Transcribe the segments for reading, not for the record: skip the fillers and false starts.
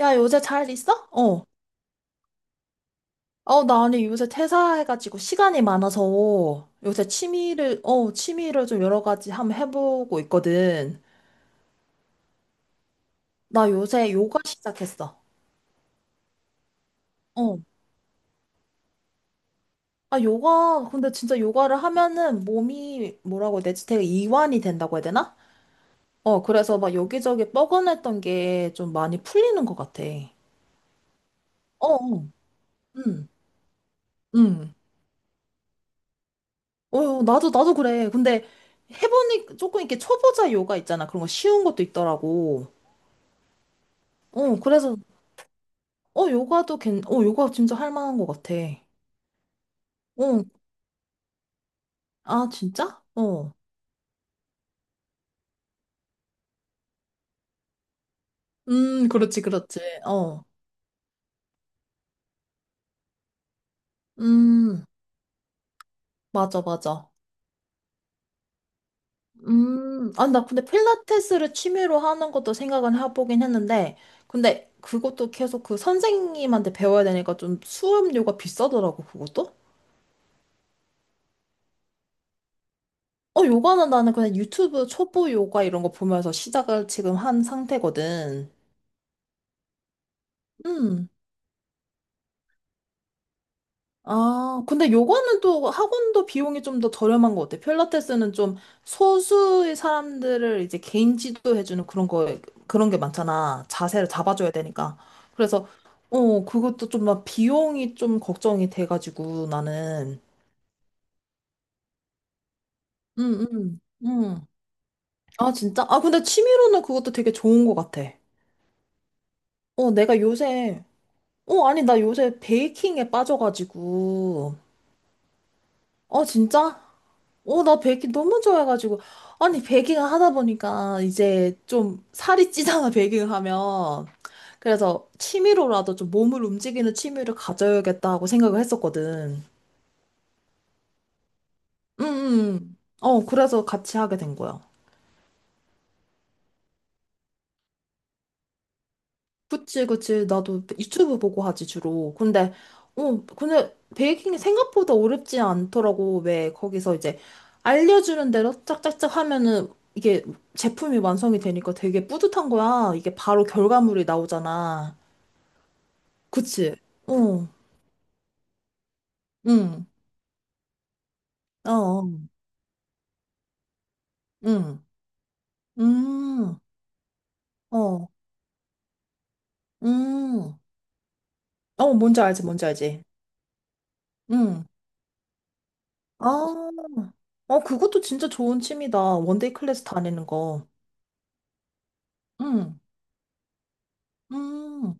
야, 요새 잘 있어? 어. 나 아니 요새 퇴사해가지고 시간이 많아서 요새 취미를 좀 여러 가지 한번 해보고 있거든. 나 요새 요가 시작했어. 어. 아, 요가, 근데 진짜 요가를 하면은 몸이 뭐라고 해야 되지? 되게 이완이 된다고 해야 되나? 그래서 막 여기저기 뻐근했던 게 좀 많이 풀리는 것 같아. 어, 어. 응, 응. 어, 어, 나도 그래. 근데 해보니 조금 이렇게 초보자 요가 있잖아. 그런 거 쉬운 것도 있더라고. 그래서, 요가 진짜 할 만한 것 같아. 어, 아, 진짜? 어. 그렇지, 그렇지. 어. 음, 맞아, 맞아. 아, 나 근데 필라테스를 취미로 하는 것도 생각은 해보긴 했는데, 근데 그것도 계속 그 선생님한테 배워야 되니까 좀 수업료가 비싸더라고, 그것도? 요가는 나는 그냥 유튜브 초보 요가 이런 거 보면서 시작을 지금 한 상태거든. 음 아, 근데 요거는 또 학원도 비용이 좀 더 저렴한 것 같아. 필라테스는 좀 소수의 사람들을 이제 개인 지도해주는 그런 게 많잖아. 자세를 잡아줘야 되니까. 그래서, 그것도 좀 막 비용이 좀 걱정이 돼가지고 나는. 응, 응, 응. 아, 진짜? 아, 근데 취미로는 그것도 되게 좋은 것 같아. 어, 내가 요새, 아니, 나 요새 베이킹에 빠져가지고. 어, 진짜? 나 베이킹 너무 좋아해가지고. 아니, 베이킹을 하다 보니까 이제 좀 살이 찌잖아, 베이킹을 하면. 그래서 취미로라도 좀 몸을 움직이는 취미를 가져야겠다 하고 생각을 했었거든. 응, 응. 응. 그래서 같이 하게 된 거야. 그치, 그치. 나도 유튜브 보고 하지, 주로. 근데 베이킹이 생각보다 어렵지 않더라고. 왜 거기서 이제 알려주는 대로 짝짝짝 하면은 이게 제품이 완성이 되니까 되게 뿌듯한 거야. 이게 바로 결과물이 나오잖아. 그치? 어, 응, 어, 어, 응, 음, 어, 음. 뭔지 알지, 뭔지 알지. 응. 아, 그것도 진짜 좋은 취미다. 원데이 클래스 다니는 거. 응. 음.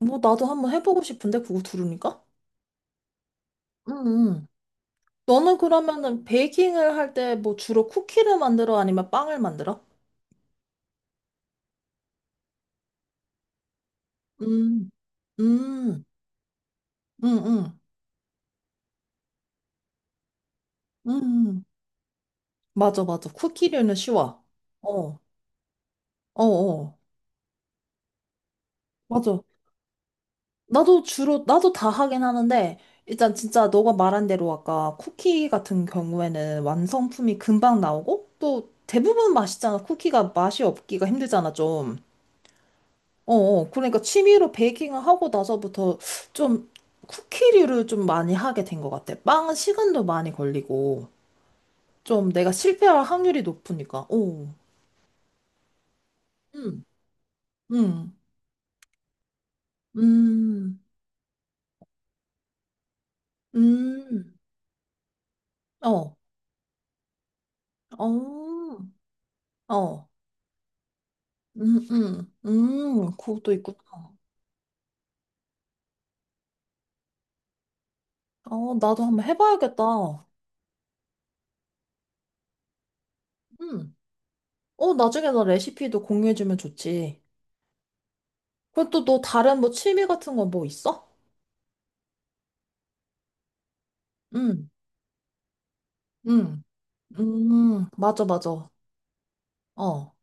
뭐 나도 한번 해보고 싶은데 그거 들으니까? 응, 응. 너는 그러면은 베이킹을 할 때 뭐 주로 쿠키를 만들어 아니면 빵을 만들어? 음, 음, 음, 음, 음. 음. 맞아, 맞아. 쿠키류는 쉬워. 어, 어, 어. 맞아. 나도 다 하긴 하는데, 일단 진짜 너가 말한 대로 아까 쿠키 같은 경우에는 완성품이 금방 나오고, 또 대부분 맛있잖아. 쿠키가 맛이 없기가 힘들잖아, 좀. 어, 어. 그러니까 취미로 베이킹을 하고 나서부터 좀 쿠키류를 좀 많이 하게 된 것 같아. 빵은 시간도 많이 걸리고, 좀 내가 실패할 확률이 높으니까. 오, 음, 음, 음, 음, 어, 어, 어, 그것도 있구나. 나도 한번 해봐야겠다. 음, 나중에 나 레시피도 공유해주면 좋지. 그럼 또 너 다른 뭐 취미 같은 거 뭐 있어? 음, 음. 맞아, 맞아. 어.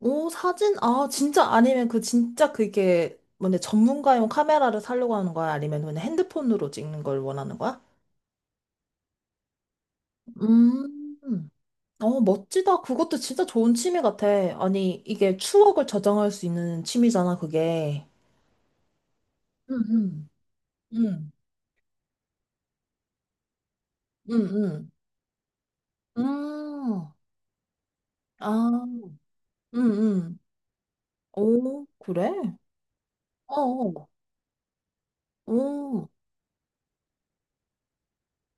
오, 사진? 아, 진짜 아니면 그 진짜 그게 뭔데 전문가용 카메라를 사려고 하는 거야? 아니면 그냥 핸드폰으로 찍는 걸 원하는 거야? 음. 멋지다. 그것도 진짜 좋은 취미 같아. 아니, 이게 추억을 저장할 수 있는 취미잖아, 그게. 응, 응, 응, 응, 응. 음. 아, 응, 응. 오, 그래? 어, 어. 오.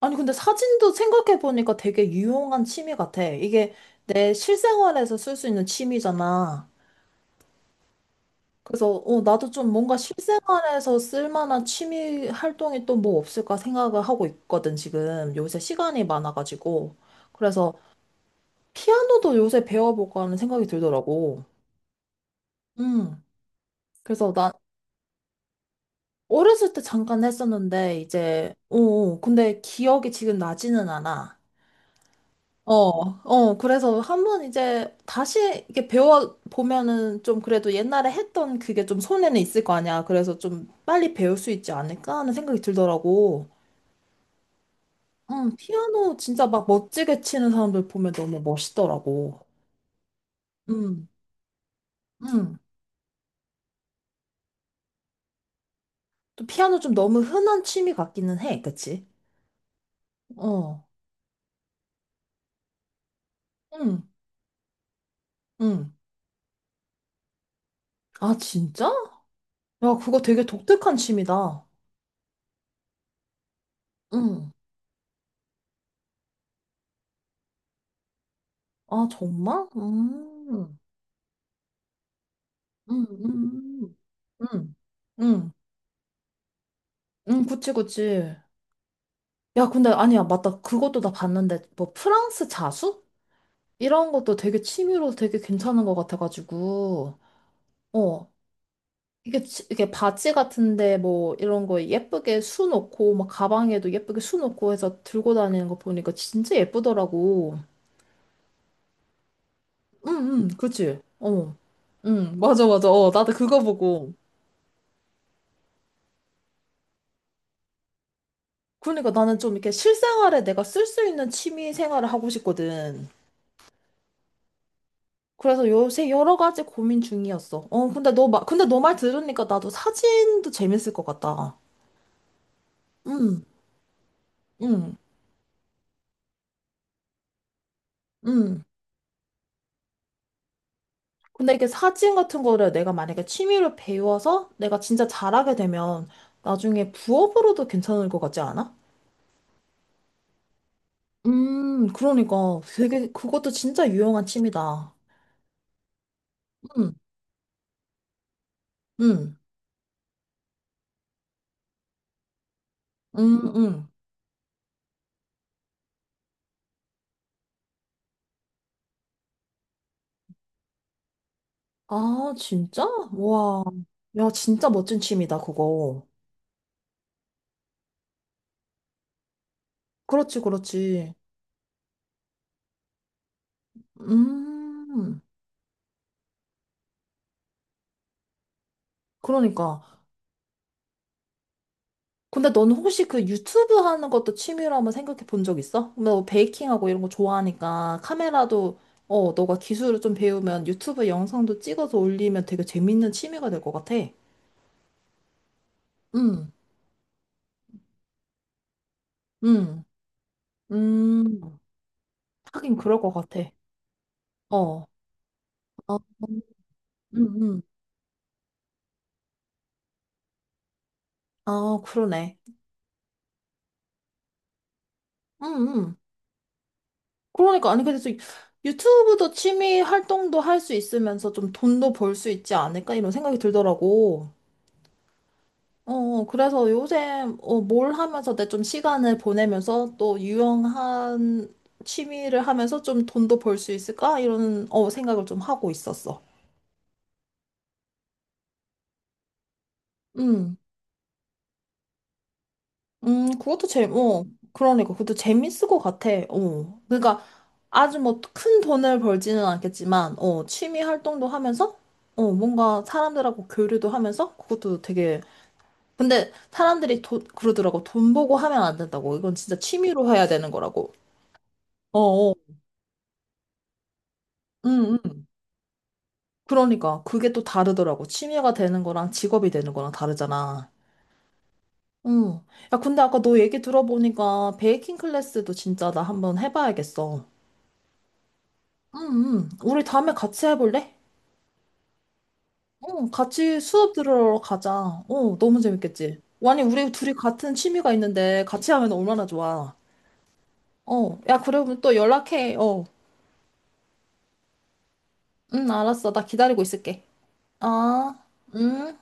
아니, 근데 사진도 생각해보니까 되게 유용한 취미 같아. 이게 내 실생활에서 쓸 수 있는 취미잖아. 그래서, 나도 좀 뭔가 실생활에서 쓸만한 취미 활동이 또 뭐 없을까 생각을 하고 있거든, 지금. 요새 시간이 많아가지고. 그래서 피아노도 요새 배워볼까 하는 생각이 들더라고. 음. 그래서 나 어렸을 때 잠깐 했었는데, 이제, 근데 기억이 지금 나지는 않아. 어, 그래서 한번 이제 다시 이렇게 배워보면은 좀 그래도 옛날에 했던 그게 좀 손에는 있을 거 아니야. 그래서 좀 빨리 배울 수 있지 않을까 하는 생각이 들더라고. 응, 피아노 진짜 막 멋지게 치는 사람들 보면 너무 멋있더라고. 응, 응. 또 피아노 좀 너무 흔한 취미 같기는 해, 그치? 어, 응, 응. 아, 진짜? 야, 그거 되게 독특한 취미다. 응. 아, 정말? 음. 응, 응, 응, 응, 응, 그치, 그치. 야, 근데 아니야, 맞다. 그것도 나 봤는데, 뭐 프랑스 자수? 이런 것도 되게 취미로 되게 괜찮은 것 같아가지고, 어. 이게 바지 같은데, 뭐, 이런 거 예쁘게 수 놓고, 막 가방에도 예쁘게 수 놓고 해서 들고 다니는 거 보니까 진짜 예쁘더라고. 응, 응, 그치. 어. 응, 맞아, 맞아. 나도 그거 보고. 그러니까 나는 좀 이렇게 실생활에 내가 쓸 수 있는 취미 생활을 하고 싶거든. 그래서 요새 여러 가지 고민 중이었어. 근데 너 말 들으니까 나도 사진도 재밌을 것 같다. 응, 응, 응. 근데 이게 사진 같은 거를 내가 만약에 취미로 배워서 내가 진짜 잘하게 되면 나중에 부업으로도 괜찮을 것 같지 않아? 그러니까 되게 그것도 진짜 유용한 취미다. 응, 응, 응, 응. 아, 진짜? 와, 야, 진짜 멋진 취미다, 그거. 그렇지, 그렇지. 음, 그러니까. 근데 넌 혹시 그 유튜브 하는 것도 취미로 한번 생각해 본 적 있어? 너 베이킹하고 이런 거 좋아하니까 카메라도 너가 기술을 좀 배우면 유튜브 영상도 찍어서 올리면 되게 재밌는 취미가 될 것 같아. 응, 응, 음, 하긴 그럴 것 같아. 어, 어, 응, 응, 아, 그러네. 응, 응. 그러니까, 아니, 그래서 유튜브도 취미 활동도 할 수 있으면서 좀 돈도 벌 수 있지 않을까? 이런 생각이 들더라고. 그래서 요즘 뭘 하면서 내 좀 시간을 보내면서 또 유용한 취미를 하면서 좀 돈도 벌 수 있을까? 이런 생각을 좀 하고 있었어. 음, 음, 그것도 재, 어, 그러니까 그것도 재밌을 것 같아. 그러니까 아주 뭐 큰 돈을 벌지는 않겠지만, 취미 활동도 하면서, 뭔가 사람들하고 교류도 하면서 그것도 되게. 근데 사람들이 돈 그러더라고. 돈 보고 하면 안 된다고. 이건 진짜 취미로 해야 되는 거라고. 어어. 응, 응. 그러니까 그게 또 다르더라고. 취미가 되는 거랑 직업이 되는 거랑 다르잖아. 응. 야, 근데 아까 너 얘기 들어보니까 베이킹 클래스도 진짜 나 한번 해봐야겠어. 응, 응. 우리 다음에 같이 해볼래? 응, 같이 수업 들으러 가자. 너무 재밌겠지? 아니, 우리 둘이 같은 취미가 있는데 같이 하면 얼마나 좋아. 어, 야, 그러면 또 연락해. 어. 응, 알았어. 나 기다리고 있을게. 아, 응.